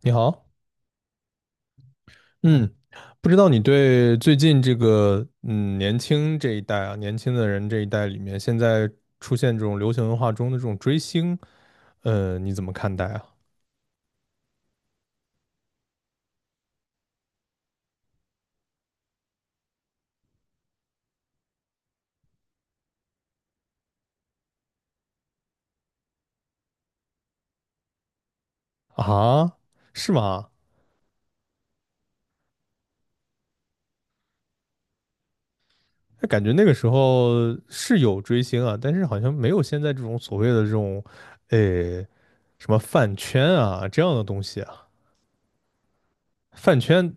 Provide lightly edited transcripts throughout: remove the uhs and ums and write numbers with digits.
你好，嗯，不知道你对最近这个年轻这一代啊，年轻的人这一代里面，现在出现这种流行文化中的这种追星，你怎么看待啊？啊，是吗？那感觉那个时候是有追星啊，但是好像没有现在这种所谓的这种，呃，什么饭圈啊这样的东西啊，饭圈，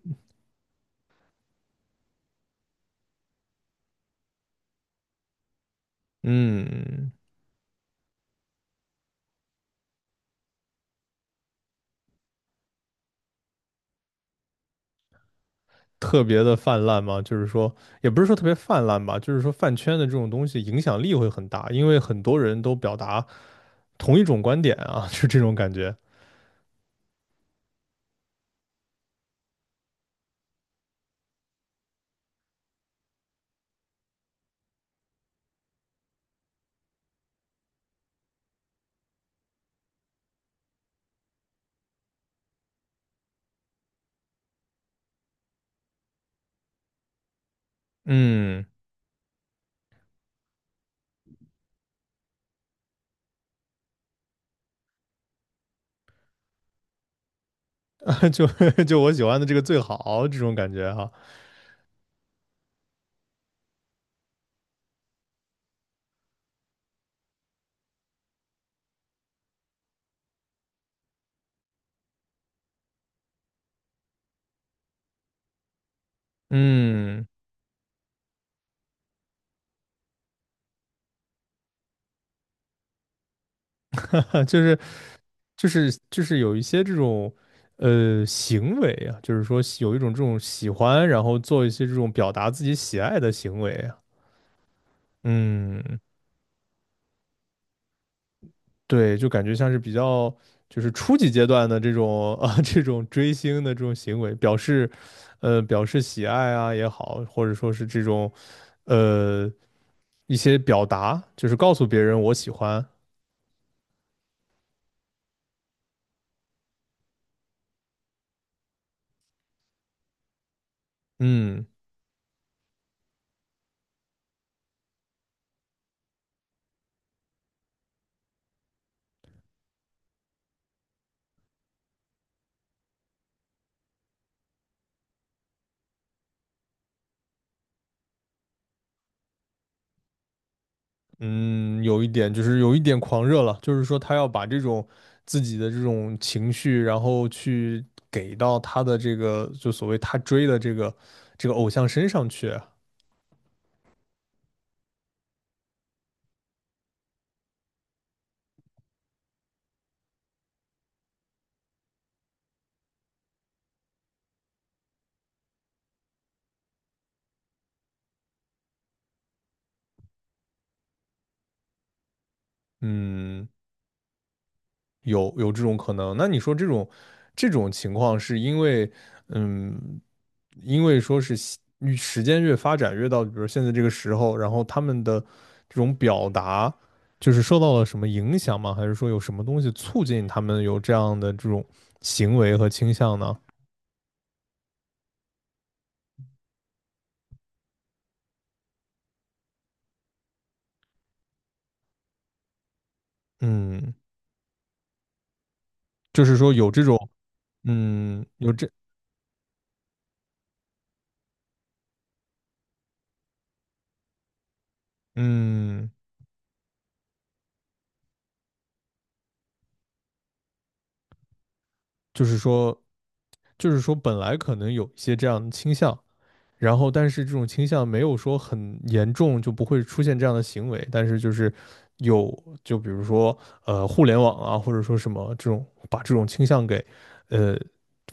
嗯。特别的泛滥吗？就是说，也不是说特别泛滥吧，就是说饭圈的这种东西影响力会很大，因为很多人都表达同一种观点啊，就这种感觉。嗯，就 就我喜欢的这个最好这种感觉哈。嗯，就是就是有一些这种行为啊，就是说有一种这种喜欢，然后做一些这种表达自己喜爱的行为啊。嗯，对，就感觉像是比较就是初级阶段的这种啊 这种追星的这种行为，表示喜爱啊也好，或者说是这种呃一些表达，就是告诉别人我喜欢。嗯嗯，有一点就是有一点狂热了，就是说他要把这种自己的这种情绪，然后去给到他的这个就所谓他追的这个偶像身上去啊。嗯。有这种可能。那你说这种情况是因为，嗯，因为说是西与时间越发展越到，比如现在这个时候，然后他们的这种表达就是受到了什么影响吗？还是说有什么东西促进他们有这样的这种行为和倾向呢？嗯，就是说有这种，有这，嗯，就是说，就是说本来可能有一些这样的倾向。然后但是这种倾向没有说很严重，就不会出现这样的行为，但是就是有，就比如说互联网啊，或者说什么这种把这种倾向给呃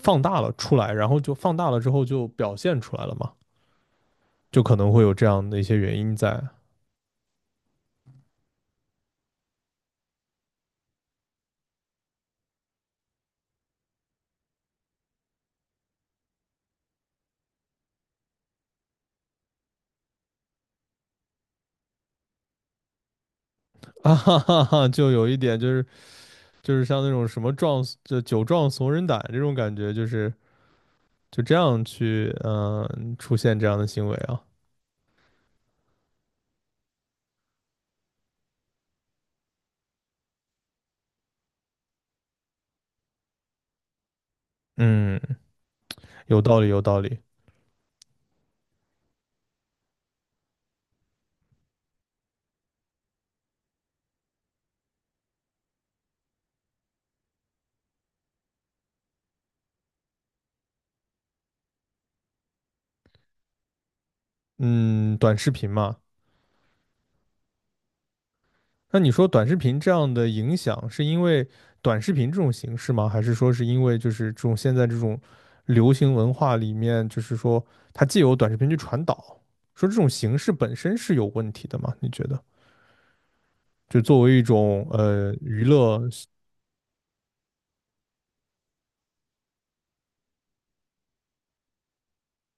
放大了出来，然后就放大了之后就表现出来了嘛，就可能会有这样的一些原因在。啊哈哈哈，就有一点就是像那种什么壮就酒壮怂人胆这种感觉，就是就这样去出现这样的行为啊。嗯，有道理有道理。嗯，短视频嘛。那你说短视频这样的影响，是因为短视频这种形式吗？还是说是因为就是这种现在这种流行文化里面，就是说它既有短视频去传导，说这种形式本身是有问题的吗？你觉得？就作为一种娱乐。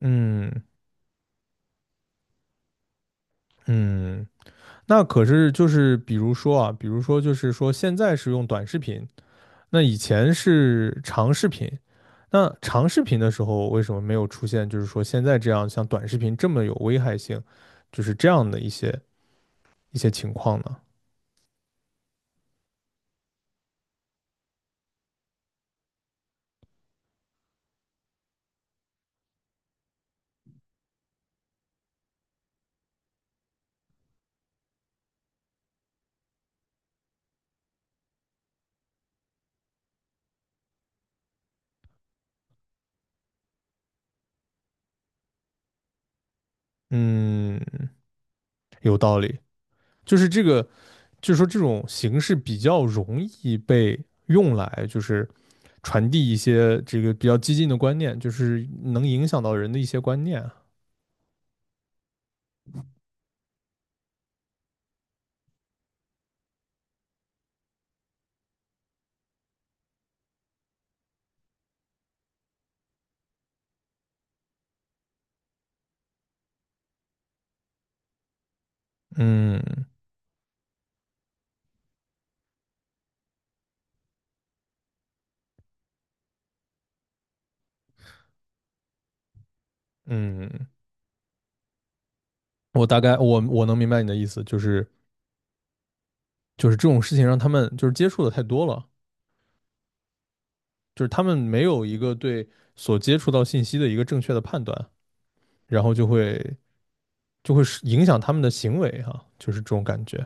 嗯嗯，那可是就是比如说啊，比如说就是说现在是用短视频。那以前是长视频，那长视频的时候为什么没有出现，就是说现在这样像短视频这么有危害性，就是这样的一些情况呢？嗯，有道理，就是这个，就是说这种形式比较容易被用来就是传递一些这个比较激进的观念，就是能影响到人的一些观念啊。嗯嗯，我大概我能明白你的意思，就是这种事情让他们就是接触的太多了。就是他们没有一个对所接触到信息的一个正确的判断，然后就会是影响他们的行为哈。就是这种感觉。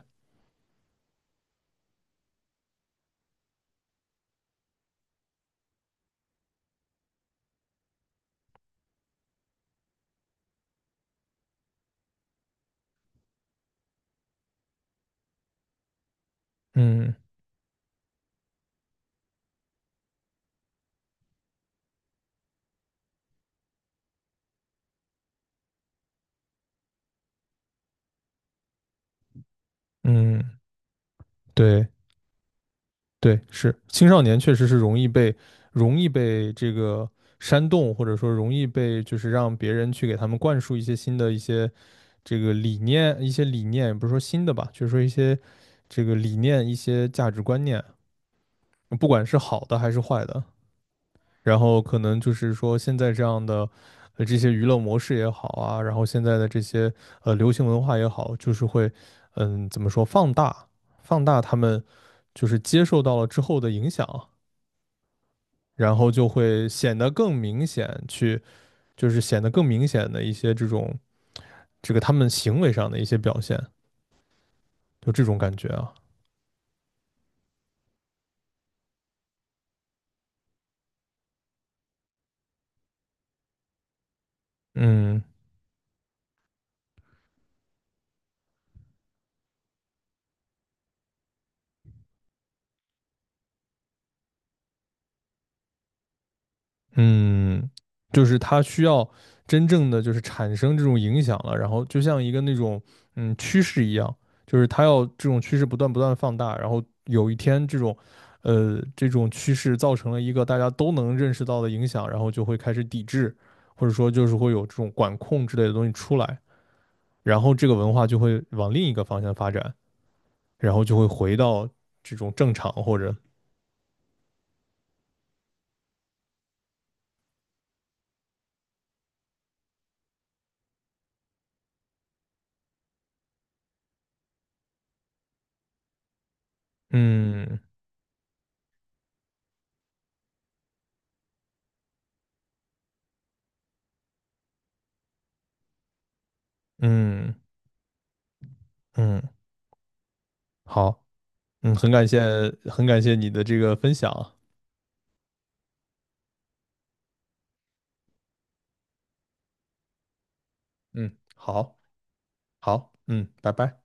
嗯嗯，对对，是青少年确实是容易被这个煽动，或者说容易被就是让别人去给他们灌输一些新的一些这个理念，一些理念也不是说新的吧，就是说一些这个理念、一些价值观念，不管是好的还是坏的，然后可能就是说现在这样的，这些娱乐模式也好啊，然后现在的这些流行文化也好，就是会，怎么说，放大他们就是接受到了之后的影响，然后就会显得更明显去，就是显得更明显的一些这种这个他们行为上的一些表现，就这种感觉啊。嗯嗯，就是它需要真正的就是产生这种影响了，然后就像一个那种趋势一样，就是它要这种趋势不断不断放大，然后有一天这种趋势造成了一个大家都能认识到的影响，然后就会开始抵制，或者说就是会有这种管控之类的东西出来，然后这个文化就会往另一个方向发展，然后就会回到这种正常或者。嗯嗯嗯。好。很感谢，很感谢你的这个分享啊。嗯，好，好，嗯，拜拜。